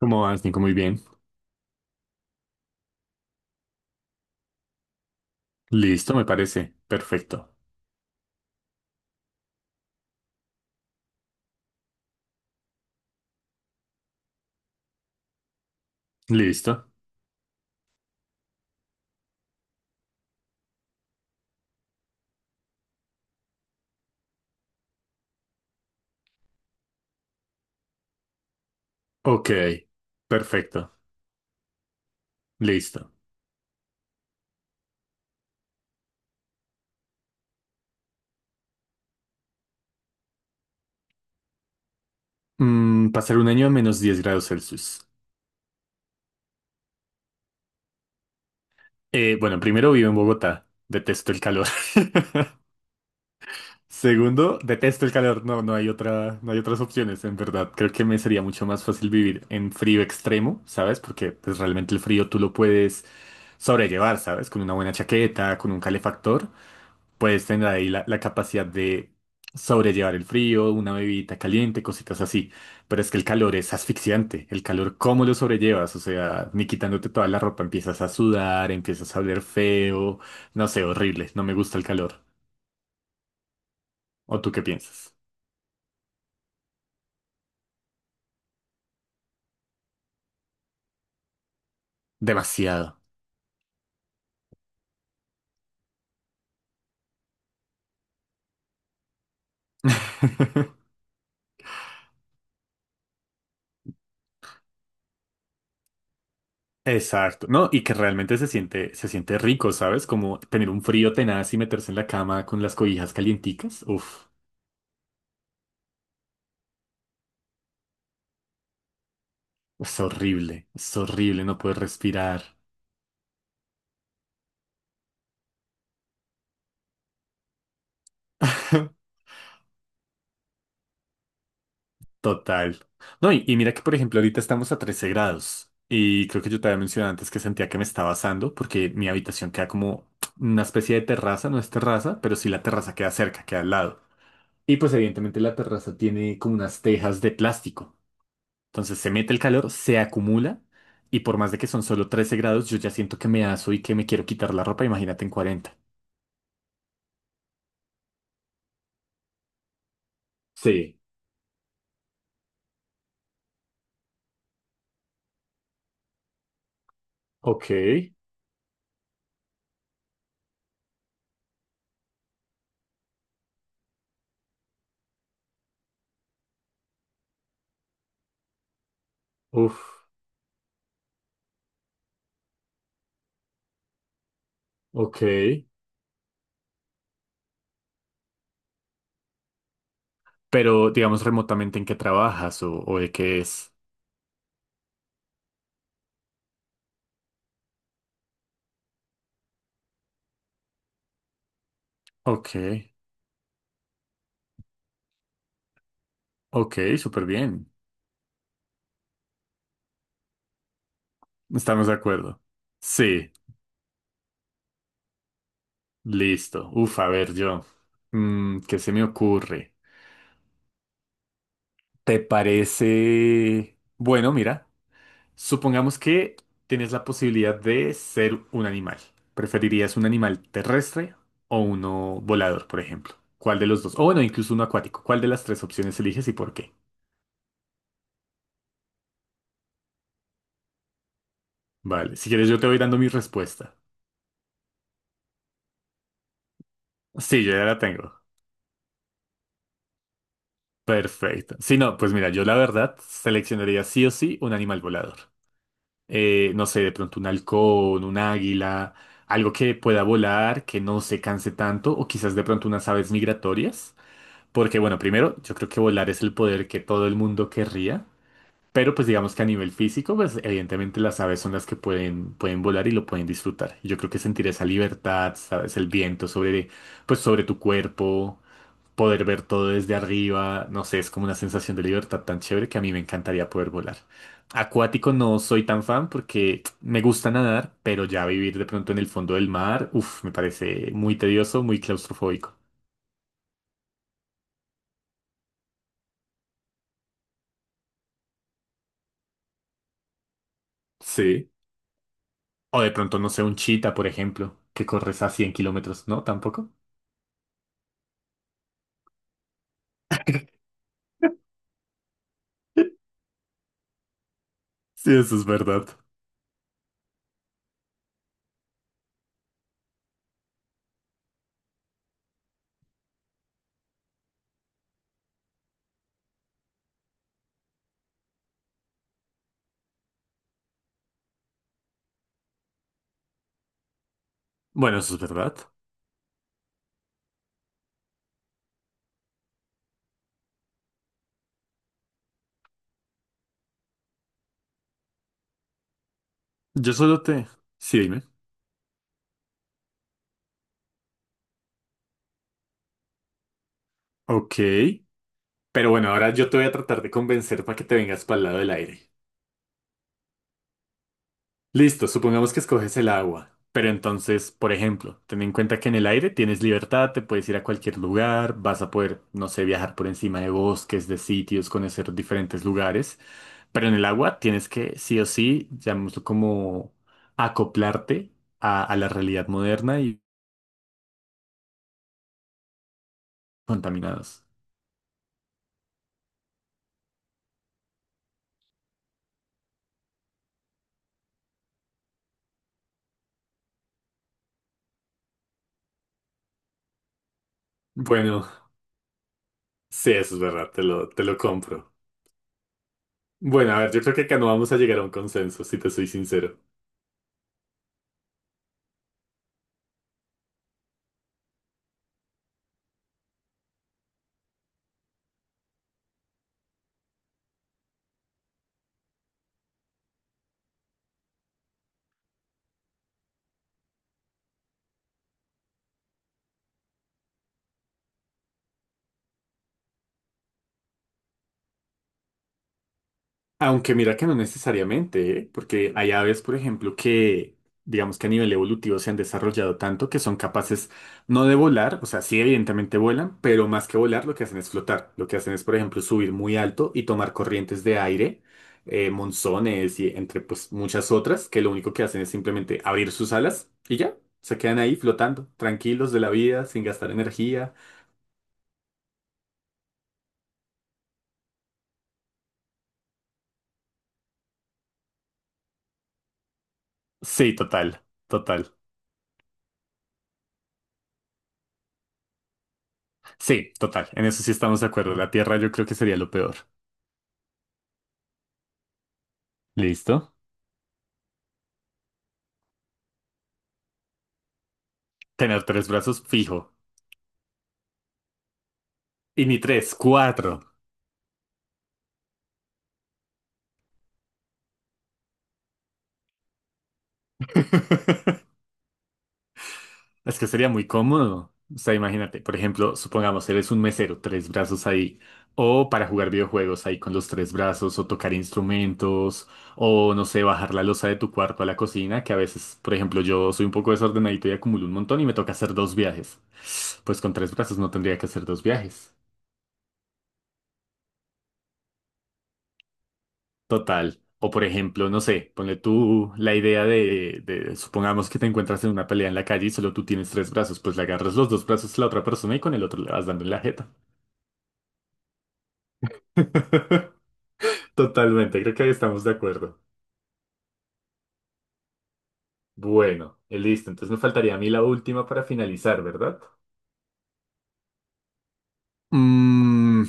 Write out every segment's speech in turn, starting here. ¿Cómo vas, Nico? Muy bien. Listo, me parece. Perfecto. Listo. Ok. Perfecto. Listo. Pasar un año a menos diez grados Celsius. Bueno, primero vivo en Bogotá. Detesto el calor. Segundo, detesto el calor. No, no hay otra, no hay otras opciones, en verdad. Creo que me sería mucho más fácil vivir en frío extremo, ¿sabes? Porque pues, realmente el frío tú lo puedes sobrellevar, ¿sabes? Con una buena chaqueta, con un calefactor. Puedes tener ahí la capacidad de sobrellevar el frío, una bebidita caliente, cositas así. Pero es que el calor es asfixiante. El calor, ¿cómo lo sobrellevas? O sea, ni quitándote toda la ropa empiezas a sudar, empiezas a oler feo. No sé, horrible. No me gusta el calor. ¿O tú qué piensas? Demasiado. Exacto, ¿no? Y que realmente se siente rico, ¿sabes? Como tener un frío tenaz y meterse en la cama con las cobijas calienticas. Uf, es horrible no poder respirar. Total. No, y mira que, por ejemplo, ahorita estamos a 13 grados. Y creo que yo te había mencionado antes que sentía que me estaba asando porque mi habitación queda como una especie de terraza, no es terraza, pero sí la terraza queda cerca, queda al lado. Y pues evidentemente la terraza tiene como unas tejas de plástico. Entonces se mete el calor, se acumula y por más de que son solo 13 grados, yo ya siento que me aso y que me quiero quitar la ropa, imagínate en cuarenta. Sí, ok, uf, ok. Pero digamos remotamente en qué trabajas o de qué es. Ok, ok, súper bien. Estamos de acuerdo. Sí, listo. Uf, a ver, yo. ¿Qué se me ocurre? ¿Te parece... Bueno, mira, supongamos que tienes la posibilidad de ser un animal. ¿Preferirías un animal terrestre o uno volador, por ejemplo? ¿Cuál de los dos? O bueno, incluso uno acuático. ¿Cuál de las tres opciones eliges y por qué? Vale, si quieres yo te voy dando mi respuesta. Sí, yo ya la tengo. Perfecto. Si no, pues mira, yo la verdad seleccionaría sí o sí un animal volador. No sé, de pronto un halcón, un águila, algo que pueda volar, que no se canse tanto, o quizás de pronto unas aves migratorias. Porque bueno, primero, yo creo que volar es el poder que todo el mundo querría, pero pues digamos que a nivel físico, pues evidentemente las aves son las que pueden volar y lo pueden disfrutar. Y yo creo que sentir esa libertad, sabes, el viento sobre, pues sobre tu cuerpo poder ver todo desde arriba, no sé, es como una sensación de libertad tan chévere que a mí me encantaría poder volar. Acuático no soy tan fan porque me gusta nadar, pero ya vivir de pronto en el fondo del mar, uff, me parece muy tedioso, muy claustrofóbico. Sí. O de pronto, no sé, un chita, por ejemplo, que corres a 100 kilómetros, ¿no? Tampoco. Sí, eso es verdad. Bueno, eso es verdad. Yo solo te... Sí, dime. Ok. Pero bueno, ahora yo te voy a tratar de convencer para que te vengas para el lado del aire. Listo, supongamos que escoges el agua, pero entonces, por ejemplo, ten en cuenta que en el aire tienes libertad, te puedes ir a cualquier lugar, vas a poder, no sé, viajar por encima de bosques, de sitios, conocer diferentes lugares, pero en el agua tienes que, sí o sí, llamémoslo como acoplarte a la realidad moderna y contaminados. Bueno, sí, eso es verdad, te lo compro. Bueno, a ver, yo creo que acá no vamos a llegar a un consenso, si te soy sincero. Aunque mira que no necesariamente, ¿eh? Porque hay aves, por ejemplo, que digamos que a nivel evolutivo se han desarrollado tanto que son capaces no de volar, o sea, sí evidentemente vuelan, pero más que volar lo que hacen es flotar. Lo que hacen es, por ejemplo, subir muy alto y tomar corrientes de aire, monzones y entre pues muchas otras, que lo único que hacen es simplemente abrir sus alas y ya, se quedan ahí flotando, tranquilos de la vida, sin gastar energía. Sí, total, total. Sí, total. En eso sí estamos de acuerdo. La Tierra yo creo que sería lo peor. Listo. Tener tres brazos fijo. Y ni tres, cuatro. Es que sería muy cómodo. O sea, imagínate, por ejemplo, supongamos eres un mesero, tres brazos ahí. O para jugar videojuegos ahí con los tres brazos, o tocar instrumentos, o no sé, bajar la losa de tu cuarto a la cocina, que a veces, por ejemplo, yo soy un poco desordenadito y acumulo un montón y me toca hacer dos viajes. Pues con tres brazos no tendría que hacer dos viajes. Total. O por ejemplo, no sé, ponle tú la idea de- supongamos que te encuentras en una pelea en la calle y solo tú tienes tres brazos, pues le agarras los dos brazos a la otra persona y con el otro le vas dando en la jeta. Totalmente, creo que ahí estamos de acuerdo. Bueno, listo, entonces me faltaría a mí la última para finalizar, ¿verdad? Mm,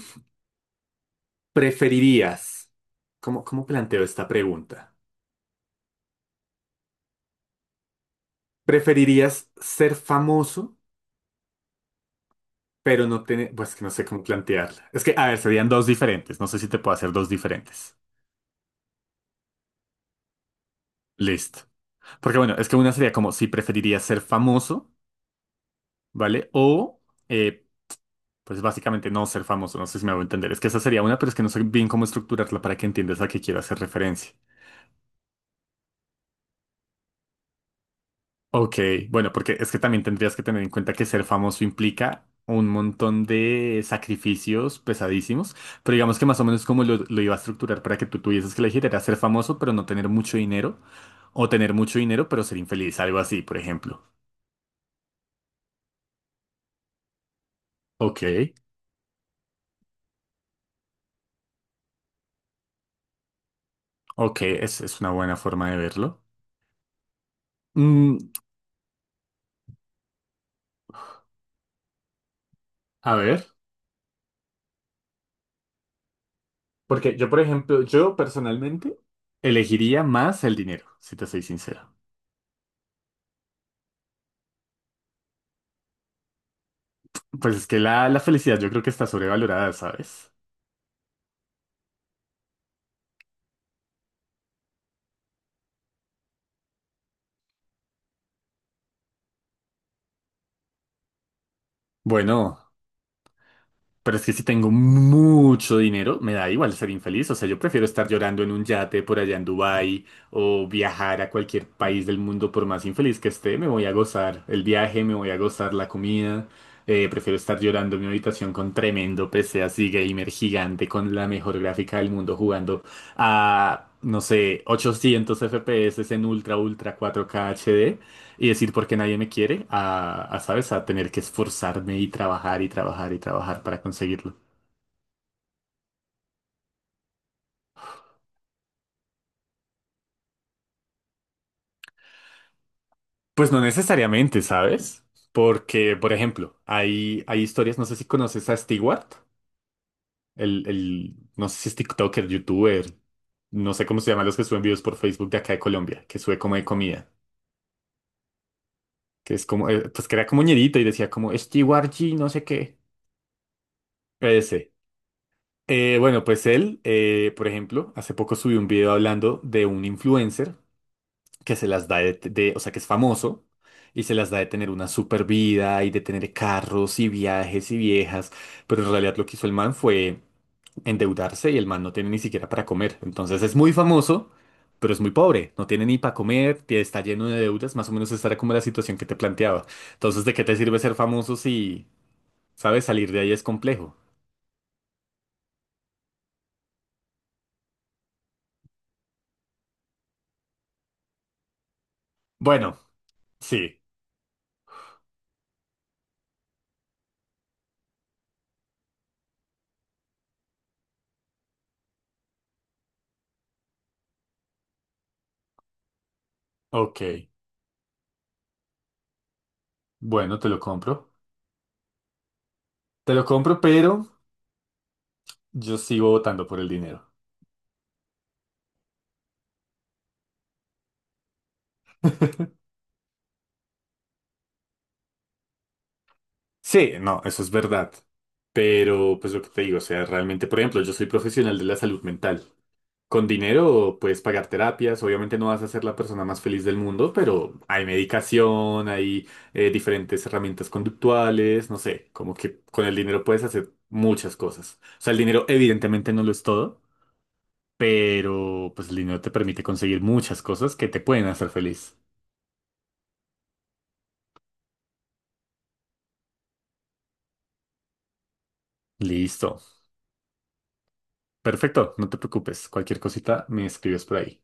¿Preferirías? ¿Cómo planteo esta pregunta? ¿Preferirías ser famoso, pero no tener... Pues que no sé cómo plantearla. Es que, a ver, serían dos diferentes, no sé si te puedo hacer dos diferentes. Listo. Porque bueno, es que una sería como si preferiría ser famoso, ¿vale? O, eh, pues básicamente no ser famoso, no sé si me hago entender. Es que esa sería una, pero es que no sé bien cómo estructurarla para que entiendas a qué quiero hacer referencia. Ok, bueno, porque es que también tendrías que tener en cuenta que ser famoso implica un montón de sacrificios pesadísimos, pero digamos que más o menos como lo iba a estructurar para que tú tuvieses que elegir era ser famoso pero no tener mucho dinero, o tener mucho dinero pero ser infeliz, algo así, por ejemplo. Ok. Ok, es una buena forma de verlo. Mm, a ver, porque yo, por ejemplo, yo personalmente elegiría más el dinero, si te soy sincero. Pues es que la felicidad yo creo que está sobrevalorada, ¿sabes? Bueno, pero es que si tengo mucho dinero, me da igual ser infeliz. O sea, yo prefiero estar llorando en un yate por allá en Dubái o viajar a cualquier país del mundo por más infeliz que esté. Me voy a gozar el viaje, me voy a gozar la comida. Prefiero estar llorando en mi habitación con tremendo PC así gamer gigante con la mejor gráfica del mundo jugando a, no sé, 800 FPS en ultra, ultra 4K HD y decir por qué nadie me quiere, a, ¿sabes? A tener que esforzarme y trabajar y trabajar y trabajar para conseguirlo. Pues no necesariamente, ¿sabes? Porque, por ejemplo, hay historias, no sé si conoces a Stewart, el, no sé si es TikToker, YouTuber, no sé cómo se llaman los que suben videos por Facebook de acá de Colombia, que sube como de comida, que es como, pues que era como ñerito y decía como Stewart G, no sé qué. Ese. Bueno, pues él, por ejemplo, hace poco subió un video hablando de un influencer que se las da de- o sea, que es famoso y se las da de tener una super vida y de tener carros y viajes y viejas, pero en realidad lo que hizo el man fue endeudarse y el man no tiene ni siquiera para comer. Entonces es muy famoso, pero es muy pobre, no tiene ni para comer, tie- está lleno de deudas, más o menos esta era como la situación que te planteaba. Entonces, ¿de qué te sirve ser famoso si, sabes, salir de ahí es complejo? Bueno, sí, ok, bueno, te lo compro. Te lo compro, pero yo sigo votando por el dinero. Sí, no, eso es verdad. Pero, pues lo que te digo, o sea, realmente, por ejemplo, yo soy profesional de la salud mental. Con dinero puedes pagar terapias, obviamente no vas a ser la persona más feliz del mundo, pero hay medicación, hay diferentes herramientas conductuales, no sé, como que con el dinero puedes hacer muchas cosas. O sea, el dinero evidentemente no lo es todo, pero pues el dinero te permite conseguir muchas cosas que te pueden hacer feliz. Listo. Perfecto, no te preocupes. Cualquier cosita me escribes por ahí.